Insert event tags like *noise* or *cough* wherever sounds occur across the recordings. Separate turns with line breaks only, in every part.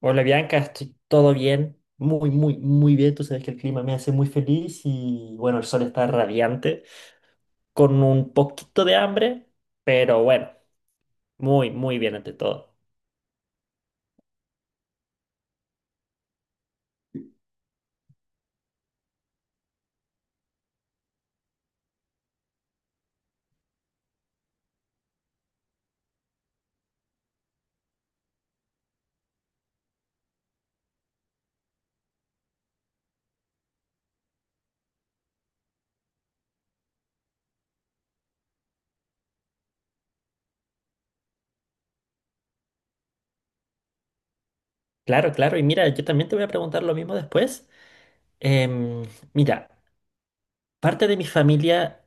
Hola Bianca, estoy todo bien, muy, muy, muy bien. Tú sabes que el clima me hace muy feliz y bueno, el sol está radiante, con un poquito de hambre, pero bueno, muy, muy bien ante todo. Claro, claro, y mira, yo también te voy a preguntar lo mismo después. Em, mira, parte de mi familia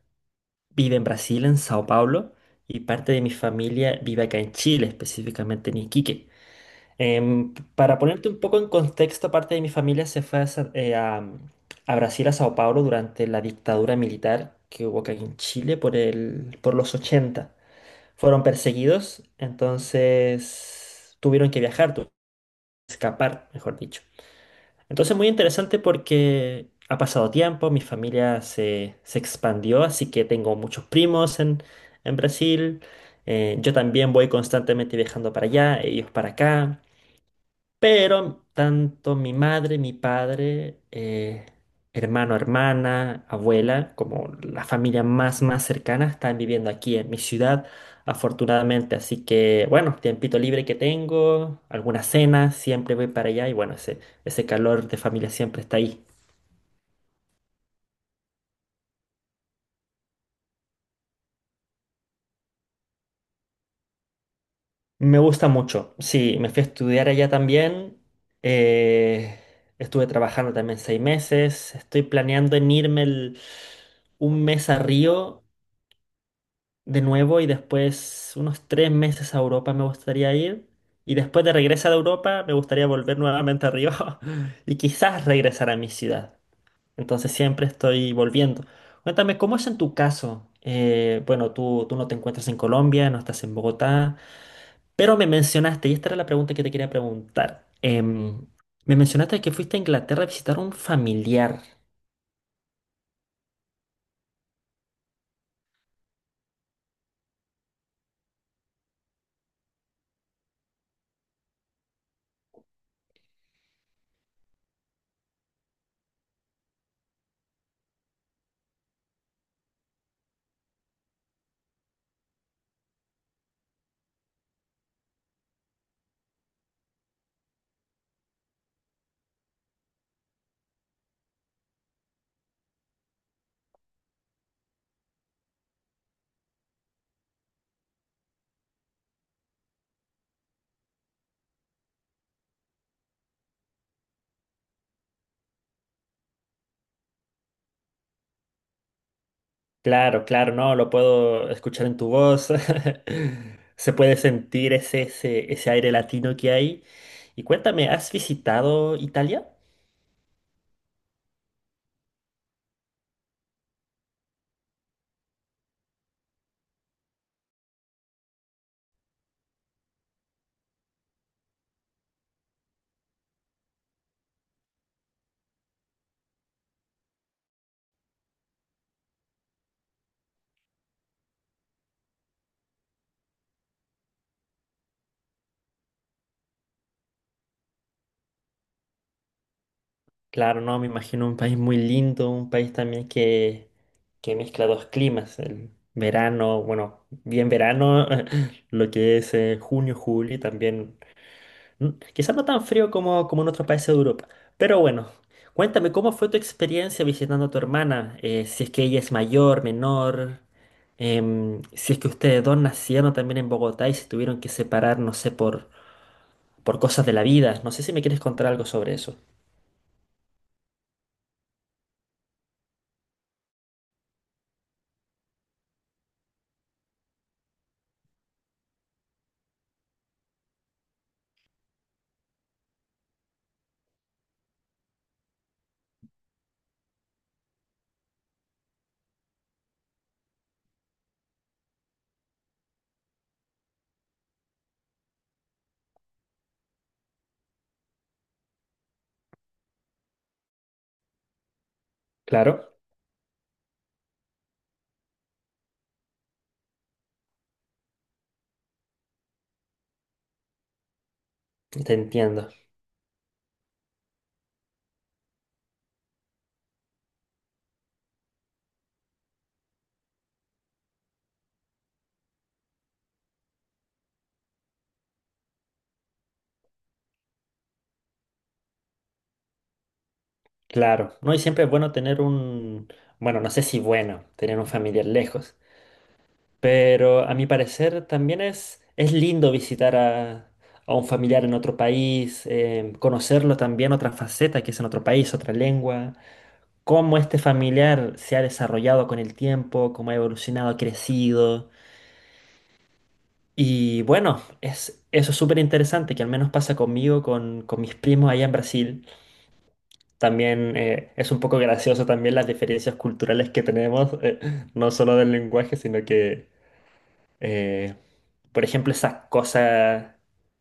vive en Brasil, en Sao Paulo, y parte de mi familia vive acá en Chile, específicamente en Iquique. Para ponerte un poco en contexto, parte de mi familia se fue a Brasil, a Sao Paulo, durante la dictadura militar que hubo acá en Chile por el, por los 80. Fueron perseguidos, entonces tuvieron que viajar, tuvieron que escapar, mejor dicho. Entonces muy interesante porque ha pasado tiempo, mi familia se expandió, así que tengo muchos primos en Brasil. Yo también voy constantemente viajando para allá, ellos para acá. Pero tanto mi madre, mi padre, hermano, hermana, abuela, como la familia más, más cercana están viviendo aquí en mi ciudad, afortunadamente. Así que, bueno, tiempito libre que tengo, algunas cenas, siempre voy para allá y bueno, ese calor de familia siempre está ahí. Me gusta mucho. Sí, me fui a estudiar allá también. eh, estuve trabajando también 6 meses. Estoy planeando en irme un mes a Río de nuevo y después unos 3 meses a Europa me gustaría ir. Y después de regresar a Europa me gustaría volver nuevamente a Río *laughs* y quizás regresar a mi ciudad. Entonces siempre estoy volviendo. Cuéntame, ¿cómo es en tu caso? Bueno, tú no te encuentras en Colombia, no estás en Bogotá, pero me mencionaste, y esta era la pregunta que te quería preguntar. Me mencionaste que fuiste a Inglaterra a visitar a un familiar. Claro, claro, no, lo puedo escuchar en tu voz. *laughs* Se puede sentir ese aire latino que hay. Y cuéntame, ¿has visitado Italia? Claro, no, me imagino un país muy lindo, un país también que mezcla dos climas, el verano, bueno, bien verano, *laughs* lo que es junio, julio, y también quizás no tan frío como en otros países de Europa. Pero bueno, cuéntame, ¿cómo fue tu experiencia visitando a tu hermana? Si es que ella es mayor, menor, si es que ustedes dos nacieron también en Bogotá y se tuvieron que separar, no sé, por cosas de la vida. No sé si me quieres contar algo sobre eso. Claro, te entiendo. Claro, ¿no? Y siempre es bueno tener un, bueno, no sé si bueno, tener un familiar lejos. Pero a mi parecer también es lindo visitar a un familiar en otro país, conocerlo también, otra faceta que es en otro país, otra lengua, cómo este familiar se ha desarrollado con el tiempo, cómo ha evolucionado, ha crecido. Y bueno, eso es súper interesante, que al menos pasa conmigo, con mis primos allá en Brasil. También es un poco gracioso también las diferencias culturales que tenemos, *laughs* no solo del lenguaje, sino que Eh, por ejemplo, esas cosas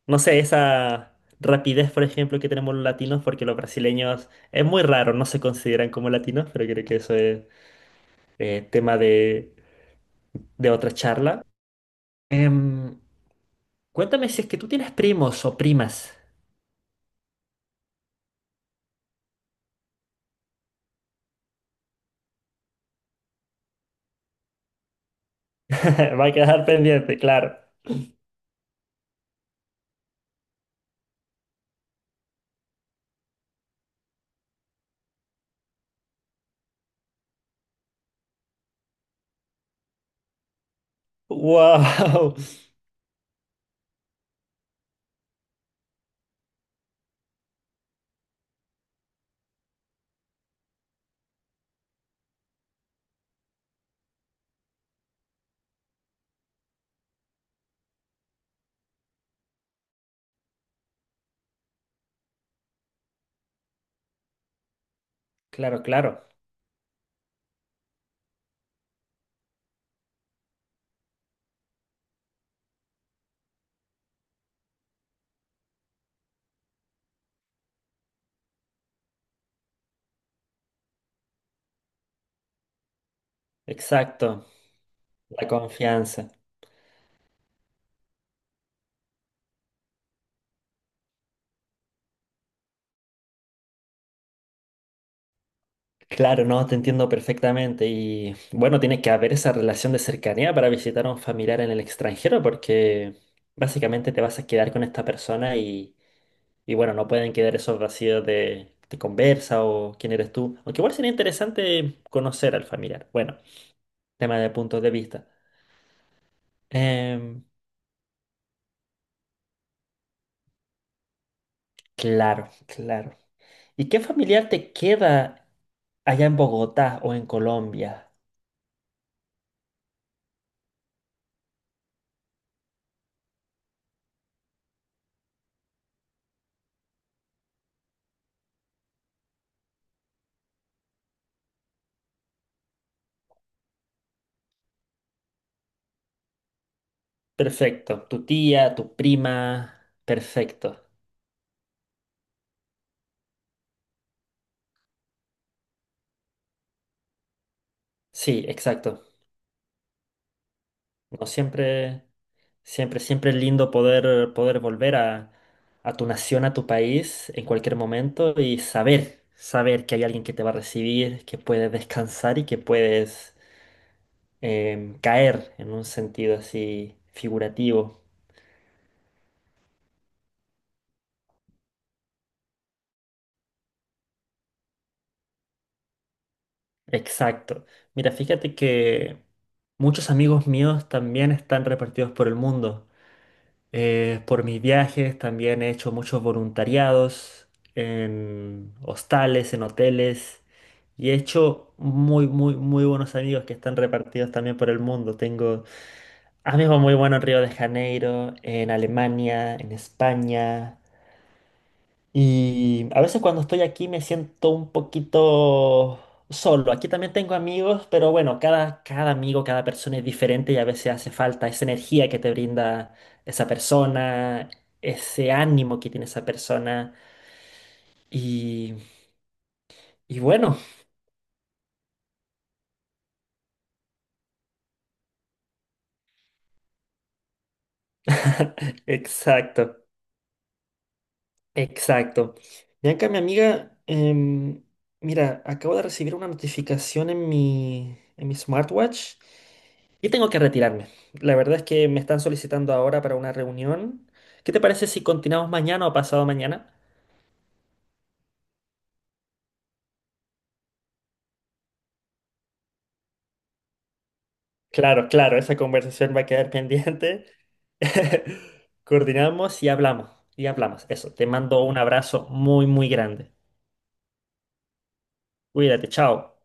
no sé, esa rapidez, por ejemplo, que tenemos los latinos, porque los brasileños es muy raro, no se consideran como latinos, pero creo que eso es tema de otra charla. Em, cuéntame si es que tú tienes primos o primas. *laughs* Va a quedar pendiente, claro. Wow. *laughs* Claro, claro. Exacto. La confianza. Claro, no, te entiendo perfectamente. Y bueno, tiene que haber esa relación de cercanía para visitar a un familiar en el extranjero, porque básicamente te vas a quedar con esta persona y bueno, no pueden quedar esos vacíos de conversa o quién eres tú. Aunque igual sería interesante conocer al familiar. Bueno, tema de puntos de vista. Em, claro, claro. ¿Y qué familiar te queda allá en Bogotá o en Colombia? Perfecto. Tu tía, tu prima. Perfecto. Sí, exacto. No siempre, siempre, siempre es lindo poder volver a tu nación, a tu país en cualquier momento y saber que hay alguien que te va a recibir, que puedes descansar y que puedes caer en un sentido así figurativo. Exacto. Mira, fíjate que muchos amigos míos también están repartidos por el mundo. Por mis viajes también he hecho muchos voluntariados en hostales, en hoteles y he hecho muy, muy, muy buenos amigos que están repartidos también por el mundo. Tengo amigos muy buenos en Río de Janeiro, en Alemania, en España. Y a veces cuando estoy aquí me siento un poquito solo. Aquí también tengo amigos, pero bueno, cada amigo, cada persona es diferente y a veces hace falta esa energía que te brinda esa persona, ese ánimo que tiene esa persona. Y, y bueno, *laughs* exacto. Exacto. Bianca, mi amiga, mira, acabo de recibir una notificación en mi smartwatch y tengo que retirarme. La verdad es que me están solicitando ahora para una reunión. ¿Qué te parece si continuamos mañana o pasado mañana? Claro, claro, esa conversación va a quedar pendiente. *laughs* Coordinamos y hablamos, y hablamos. Eso, te mando un abrazo muy, muy grande. Cuídate, chao.